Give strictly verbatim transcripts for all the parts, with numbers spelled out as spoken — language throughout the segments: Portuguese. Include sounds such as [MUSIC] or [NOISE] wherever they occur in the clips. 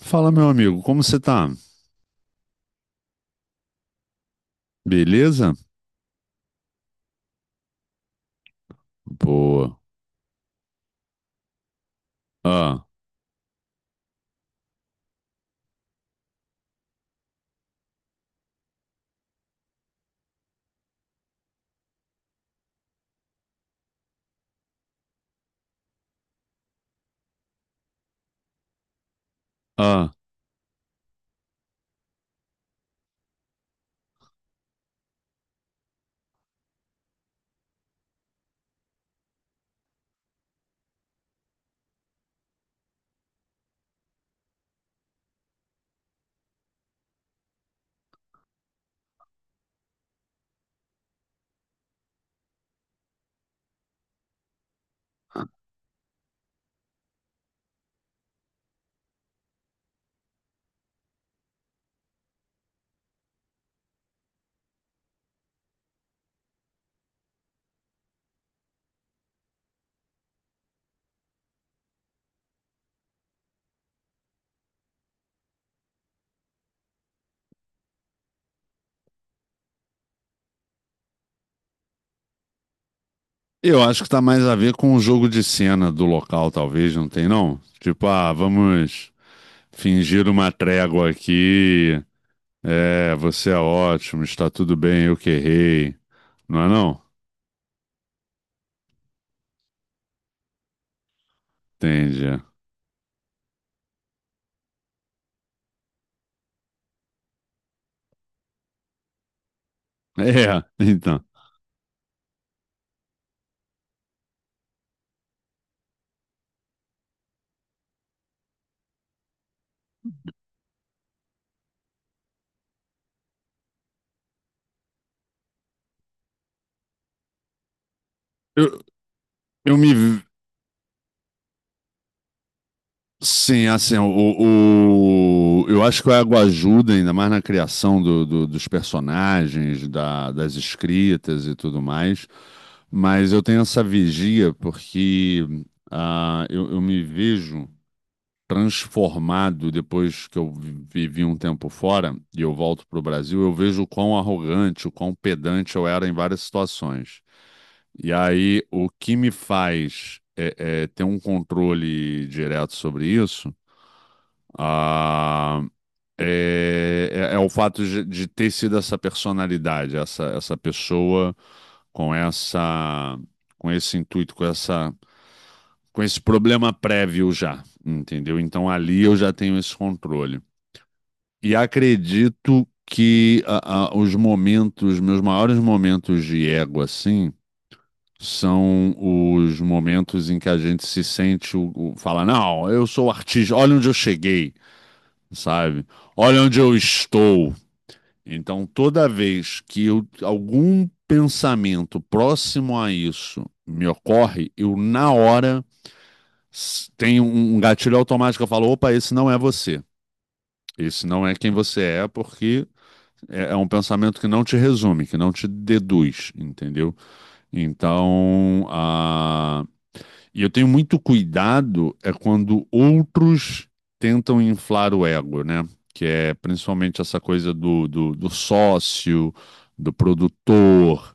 Fala, meu amigo, como você tá? Beleza? Boa. Ah, ah. Eu acho que tá mais a ver com o jogo de cena do local, talvez, não tem, não? Tipo, ah, vamos fingir uma trégua aqui. É, você é ótimo, está tudo bem, eu que errei. Não é, não? Entende. É, então. Eu, eu me, Sim, assim, o, o- eu acho que o Água ajuda ainda mais na criação do- do- dos personagens, da- das escritas e tudo mais. Mas eu tenho essa vigia porque ah, eu, eu me vejo transformado depois que eu vi- vivi um tempo fora e eu volto para o Brasil. Eu vejo o quão arrogante, o quão pedante eu era em várias situações. E aí, o que me faz é, é, ter um controle direto sobre isso. ah, é, é- é o fato de, de ter sido essa personalidade, essa, essa pessoa com essa, com esse intuito, com essa, com esse problema prévio já, entendeu? Então ali eu já tenho esse controle. E acredito que a- a- os momentos, meus maiores momentos de ego, assim, são os momentos em que a gente se sente, o, o- fala, não, eu sou artista, olha onde eu cheguei, sabe? Olha onde eu estou. Então, toda vez que eu- algum pensamento próximo a isso me ocorre, eu, na hora, s- tenho um um gatilho automático. Eu falo: opa, esse não é você. Esse não é quem você é, porque é é um pensamento que não te resume, que não te deduz, entendeu? Então, e eu tenho muito cuidado é quando outros tentam inflar o ego, né? Que é principalmente essa coisa do, do, do sócio, do produtor,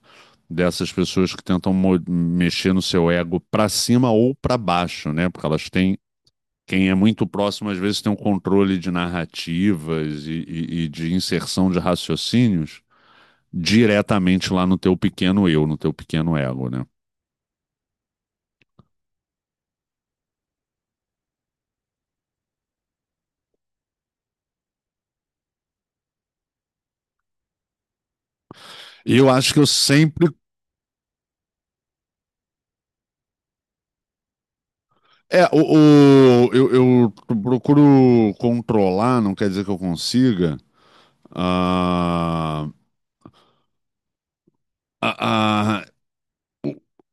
dessas pessoas que tentam mo- mexer no seu ego para cima ou para baixo, né? Porque elas têm. Quem é muito próximo, às vezes, tem um controle de narrativas e, e- e de inserção de raciocínios diretamente lá no teu pequeno eu, no teu pequeno ego, né? E eu acho que eu sempre. É, o, o- eu, eu procuro controlar, não quer dizer que eu consiga, ah, a, a,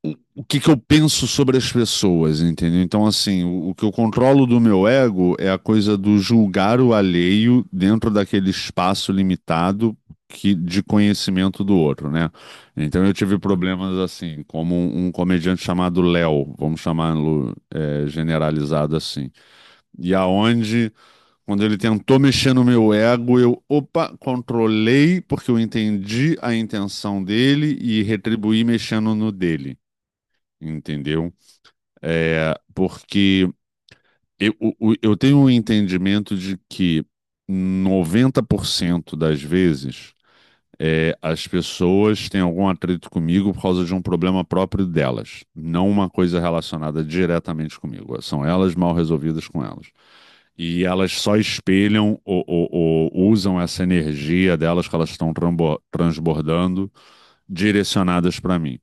o o que que eu penso sobre as pessoas, entendeu? Então, assim, o, o que eu controlo do meu ego é a coisa do julgar o alheio dentro daquele espaço limitado que, de conhecimento do outro, né? Então, eu tive problemas assim, como um, um comediante chamado Léo, vamos chamá-lo, é, generalizado assim, e aonde quando ele tentou mexer no meu ego, eu, opa, controlei, porque eu entendi a intenção dele e retribuí mexendo no dele, entendeu? É, porque eu, o- eu tenho um entendimento de que noventa por cento das vezes, é, as pessoas têm algum atrito comigo por causa de um problema próprio delas, não uma coisa relacionada diretamente comigo. São elas mal resolvidas com elas. E elas só espelham ou, ou- ou- usam essa energia delas que elas estão trambo- transbordando direcionadas para mim.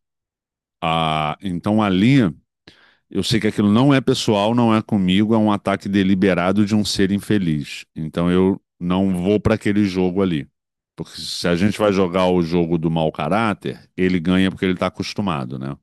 Ah, então ali. Eu sei que aquilo não é pessoal, não é comigo, é um ataque deliberado de um ser infeliz. Então eu não vou para aquele jogo ali. Porque se a gente vai jogar o jogo do mau caráter, ele ganha porque ele está acostumado, né?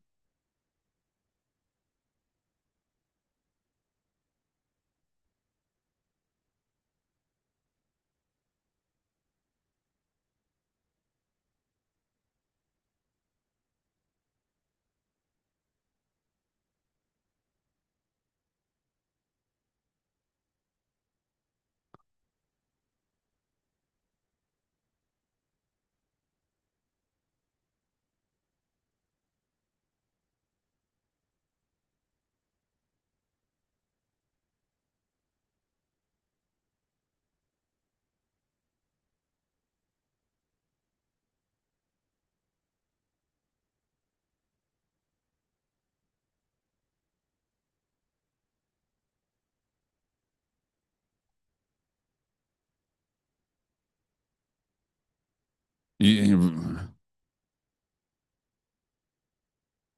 E,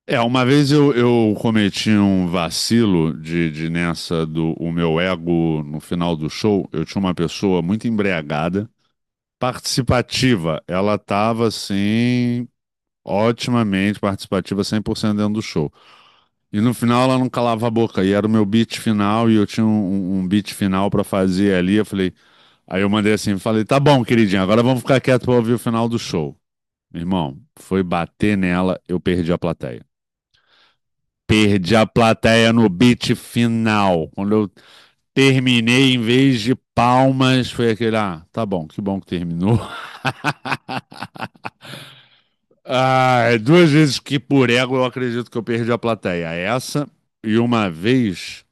é, uma vez eu, eu cometi um vacilo de, de nessa do o meu ego no final do show. Eu tinha uma pessoa muito embriagada, participativa. Ela estava assim, otimamente participativa, cem por cento dentro do show. E no final ela não calava a boca. E era o meu beat final e eu tinha um, um um beat final pra fazer ali. Eu falei, aí eu mandei assim, falei, tá bom, queridinha, agora vamos ficar quieto pra ouvir o final do show. Meu irmão, foi bater nela, eu perdi a plateia. Perdi a plateia no beat final. Quando eu terminei, em vez de palmas, foi aquele, ah, tá bom, que bom que terminou. [LAUGHS] Ah, duas vezes que por ego eu acredito que eu perdi a plateia. Essa e uma vez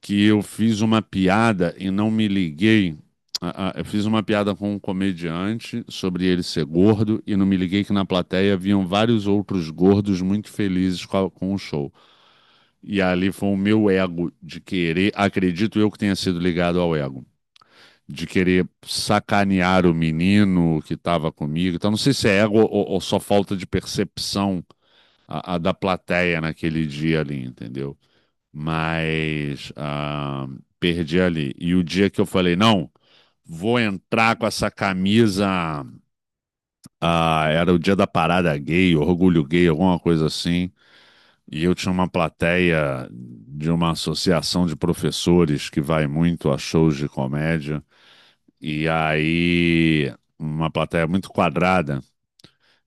que eu fiz uma piada e não me liguei. Ah, ah, Eu fiz uma piada com um comediante sobre ele ser gordo e não me liguei que na plateia haviam vários outros gordos muito felizes com, a- com o show. E ali foi o meu ego de querer, acredito eu que tenha sido ligado ao ego, de querer sacanear o menino que estava comigo. Então não sei se é ego ou, ou só falta de percepção a- a da plateia naquele dia ali, entendeu? Mas, ah, perdi ali. E o dia que eu falei, não, vou entrar com essa camisa. Ah, era o dia da parada gay, orgulho gay, alguma coisa assim. E eu tinha uma plateia de uma associação de professores que vai muito a shows de comédia. E aí, uma plateia muito quadrada.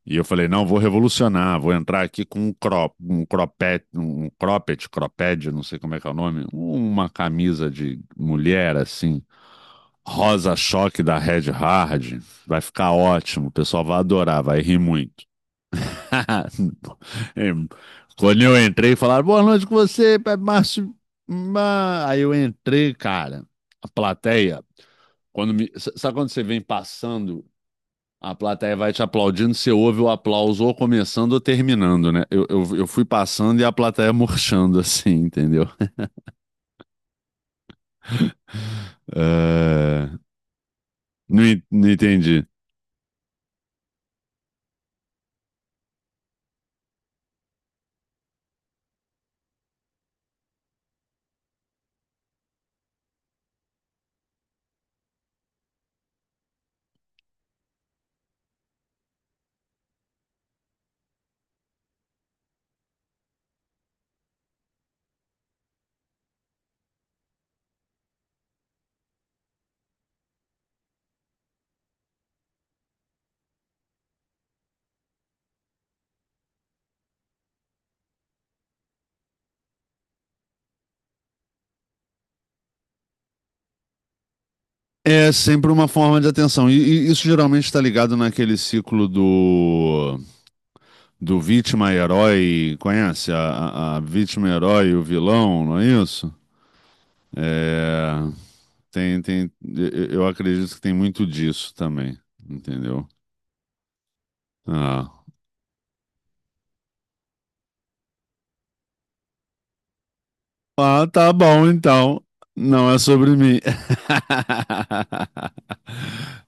E eu falei, não, vou revolucionar, vou entrar aqui com um crop, um cropet, um cropped, cropped, não sei como é que é o nome, uma camisa de mulher assim, rosa choque da Red Hard, vai ficar ótimo, o pessoal vai adorar, vai rir muito. [LAUGHS] Quando eu entrei, falaram, boa noite com você, é Márcio. Aí eu entrei, cara, a plateia, quando me, sabe quando você vem passando a plateia vai te aplaudindo, você ouve o aplauso ou começando ou terminando, né? Eu, eu, eu fui passando e a plateia [LAUGHS] murchando, assim, entendeu? É. Não, en- não entendi. É sempre uma forma de atenção. E, e isso geralmente está ligado naquele ciclo do, do vítima e herói. Conhece? A, a- a vítima, herói e o vilão, não é isso? É, tem, tem, eu eu acredito que tem muito disso também, entendeu? Ah. Ah, tá bom, então. Não é sobre mim. [LAUGHS]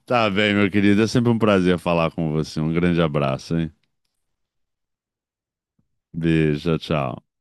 Tá bem, meu querido. É sempre um prazer falar com você. Um grande abraço, hein? Beijo, tchau.